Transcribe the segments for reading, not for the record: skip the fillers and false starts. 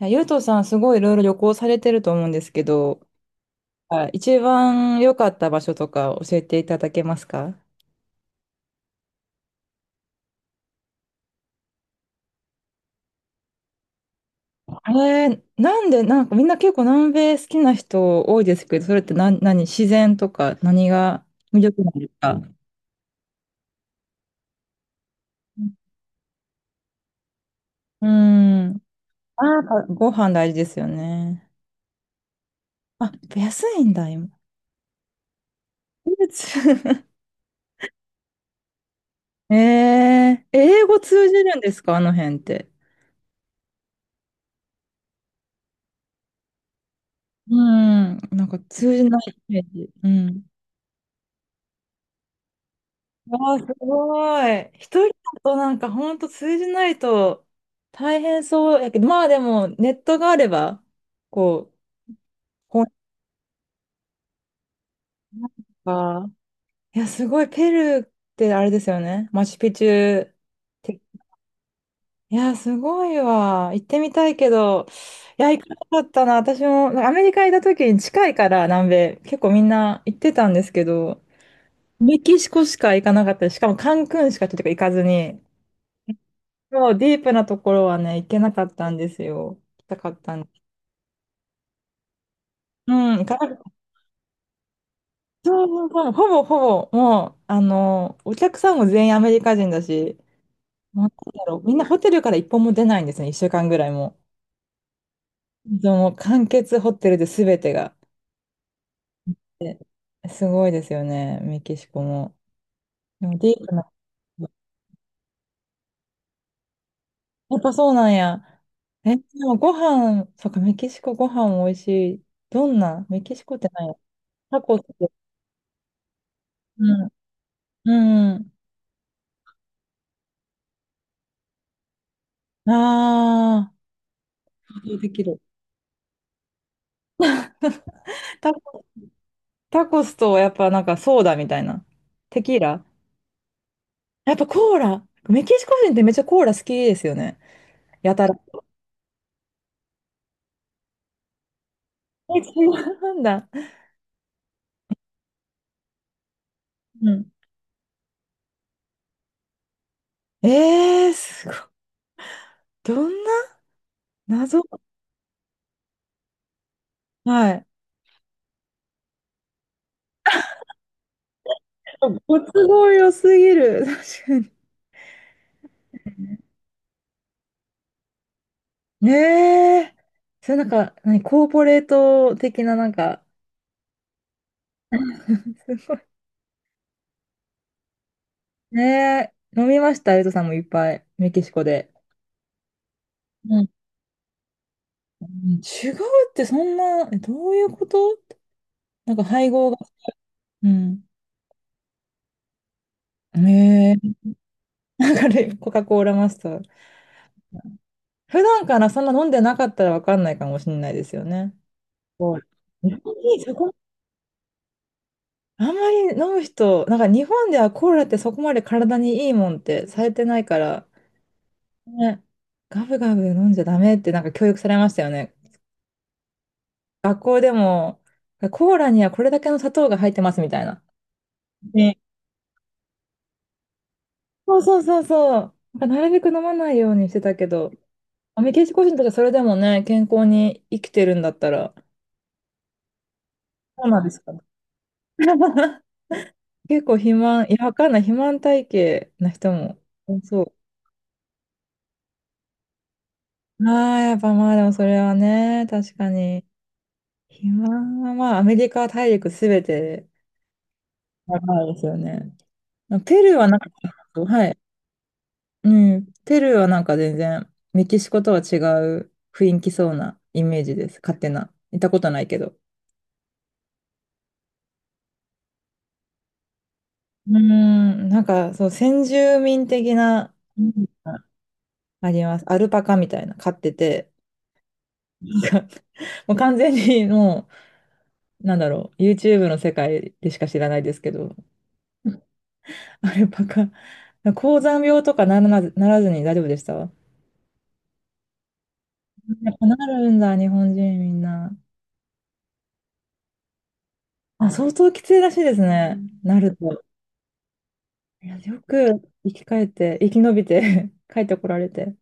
いやゆうとさん、すごいいろいろ旅行されてると思うんですけど、あ一番良かった場所とか教えていただけますか？あれ、なんで、なんかみんな結構南米好きな人多いですけど、それって何、自然とか何が魅力なんですか？うん。うん。あー、やっぱご飯大事ですよね。あ、安いんだ、今。フルーツ。 英語通じるんですかあの辺って？うん。なんか通じないイメージ。うん。わあ、すごい。一人だとなんかほんと通じないと大変そうやけど、まあでもネットがあれば、こう、本とか、いや、すごい、ペルーってあれですよね。マチュピチュって。いや、すごいわ。行ってみたいけど、いや、行かなかったな。私もなんかアメリカ行った時に近いから南米、結構みんな行ってたんですけど、メキシコしか行かなかったし、しかもカンクンしかちょっと行かずに、そう、ディープなところはね、行けなかったんですよ。行きたかったんです。うん、行かなかった。そうそうそう、ほぼほぼ、もう、あの、お客さんも全員アメリカ人だし、もうなんだろう、みんなホテルから一本も出ないんですね、一週間ぐらいも。でも、完結ホテルで全てが。すごいですよね、メキシコも。でも、ディープな。やっぱそうなんや。え、でもご飯、そうか、メキシコご飯も美味しい。どんなメキシコってないや。タコス。うん。うん。ああ。できる。タコ、タコスとやっぱなんかソーダみたいな。テキーラ、やっぱコーラ。メキシコ人ってめっちゃコーラ好きですよね。やたら。え、違うんだ。うん。すごい。どんな謎。はい。ご都合良すぎる。確かに。ねえ。それなんか、何、コーポレート的ななんか、すごい。ねえ。飲みました、ゆうとさんもいっぱい。メキシコで。うん。うん違うってそんな、えどういうこと？なんか配合が、うん。ねえ、なんかね、コカ・コーラマスター。普段からそんな飲んでなかったらわかんないかもしれないですよね。そう、日本にそこ、あんまり飲む人、なんか日本ではコーラってそこまで体にいいもんってされてないから、ね、ガブガブ飲んじゃダメってなんか教育されましたよね。学校でも、コーラにはこれだけの砂糖が入ってますみたいな。ね、そうそうそうそう。なんかなるべく飲まないようにしてたけど、メキシコ人とかそれでもね、健康に生きてるんだったら、そうなんですかね。結構肥満、いや、わかんない、肥満体型な人も多そう。ああ、やっぱまあでもそれはね、確かに。肥満はまあアメリカ大陸すべてやばいですよね。ペルーはなんか、はい。うん。ペルーはなんか全然、メキシコとは違う雰囲気そうなイメージです。勝手な。行ったことないけど。うーん、なんか、そう、先住民的な、うん、あります。アルパカみたいな、飼ってて、なんかもう完全にもう、なんだろう、YouTube の世界でしか知らないですけど、アルパカ、高山病とかならずに大丈夫でした？やっぱなるんだ、日本人みんな。あ、相当きついらしいですね、なると。いや、よく生き返って、生き延びて 帰ってこられて。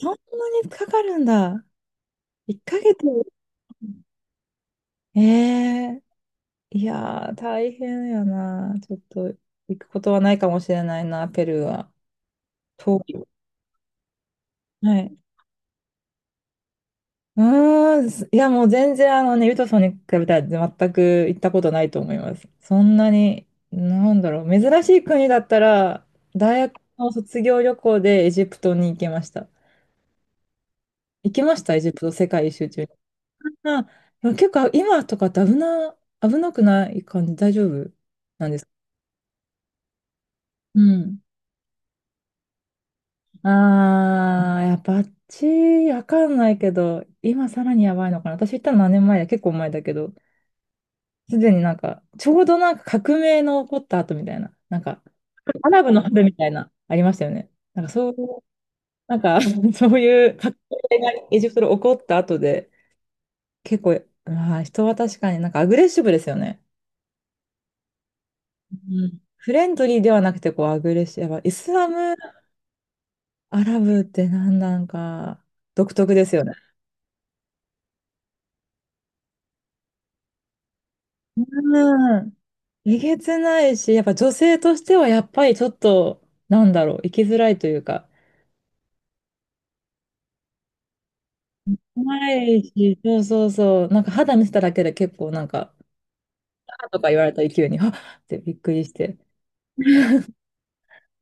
そんなにかかるんだ。1ヶ月。ええ、いやー、大変やな。ちょっと行くことはないかもしれないな、ペルーは。遠い。はい。うーん、すいや、もう全然、あのね、ユトソンに比べたら全く行ったことないと思います。そんなに、なんだろう、珍しい国だったら、大学の卒業旅行でエジプトに行けました。行きました、エジプト世界一周中に。あ、でも結構今とかって危なくない感じ、大丈夫なんですか？うん。あー、いや、バッチわかんないけど、今さらにやばいのかな。私行ったの何年前だ、結構前だけど、すでになんか、ちょうどなんか革命の起こった後みたいな、なんか、アラブの春みたいな、ありましたよね。なんかそういう、なんか、そういう革命がエジプトで起こった後で、結構、まあ、人は確かになんかアグレッシブですよね。うん、フレンドリーではなくて、こう、アグレッシブ。やっぱイスラム、アラブってなんなんか、独特ですよね。うん、えげつないし、やっぱ女性としてはやっぱりちょっと、なんだろう、生きづらいというか、ないし、そうそうそう、なんか肌見せただけで結構なんか、あとか言われた勢いに、あっってびっくりして。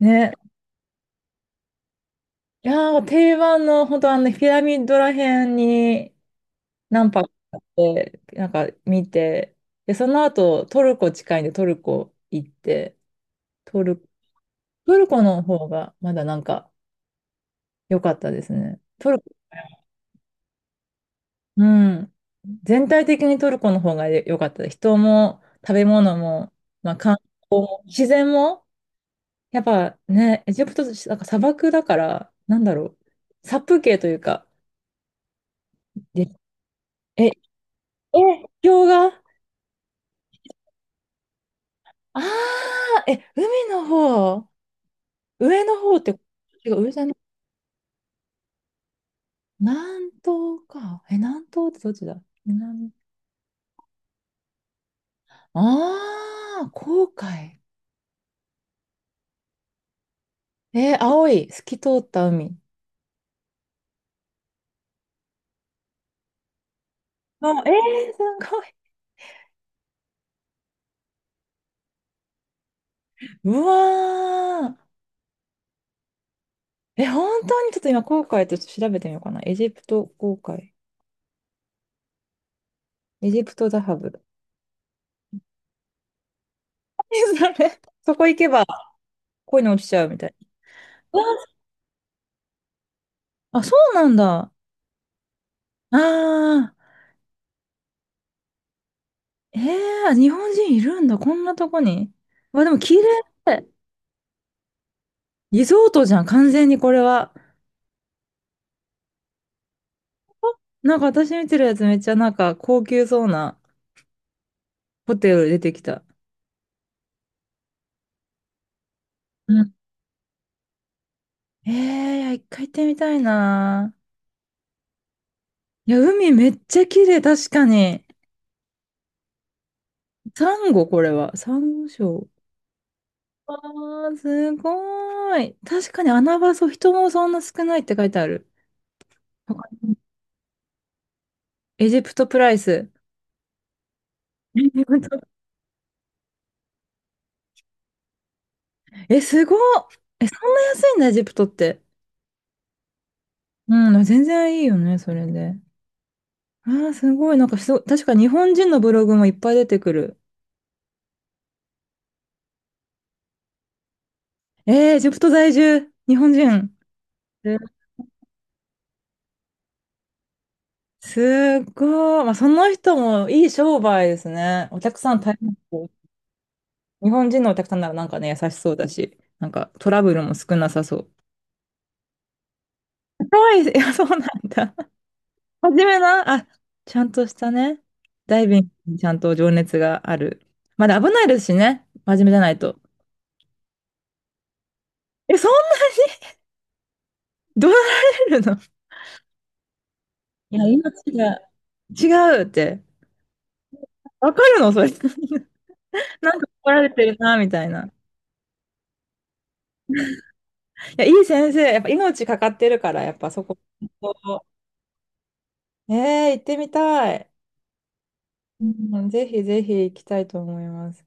ね。いやー、定番の、本当あのね、ピラミッドらへんに何泊かあって、なんか見て、で、その後、トルコ近いんでトルコ行って、トル、トルコの方がまだなんか良かったですね。トル、うん。全体的にトルコの方が良かったです。人も食べ物も、まあ、観光自然も、やっぱね、エジプト、なんか砂漠だから、なんだろう、殺風景というか、で、え、氷河、ああー、え、海の方、上の方って、違う、上じゃない、南東か。え、南東ってどっちだ？南、ああ、紅海。青い、透き通った海。あ、すごい。うわー。え、本当にちょっと今、航海と調べてみようかな。エジプト航海。エジプトザハブ。何それ？そこ行けば恋に落ちちゃうみたいな。うわあ、そうなんだ。ああ、ええ、日本人いるんだ。こんなとこに。わ、でも綺麗。リゾートじゃん、完全にこれは。なんか私見てるやつめっちゃなんか高級そうなホテル出てきた。うん、ええ、いや、一回行ってみたいな。いや、海めっちゃ綺麗、確かに。サンゴ、これは。サンゴ礁。わー、すごい。確かに穴場そう、人もそんな少ないって書いてある。わかる、エジプトプライス。エジプト、え、すごっ。え、そんな安いんだ、エジプトって。うん、全然いいよね、それで。あー、すごい。なんかすご、確か日本人のブログもいっぱい出てくる。エジプト在住、日本人。え、すっごい。まあ、その人もいい商売ですね。お客さん大変そう。日本人のお客さんならなんかね、優しそうだし、なんかトラブルも少なさそう。怖いです、いや、そうなんだ。真面目な、あ、ちゃんとしたね。ダイビングにちゃんと情熱がある。まだ危ないですしね。真面目じゃないと。え、そんなに怒 られるの？いや、命が違うって。わかるのそれ。なんか怒られてるな、みたいな。いや、いい先生。やっぱ命かかってるから、やっぱそこ。行ってみたい。うん、ぜひぜひ行きたいと思います。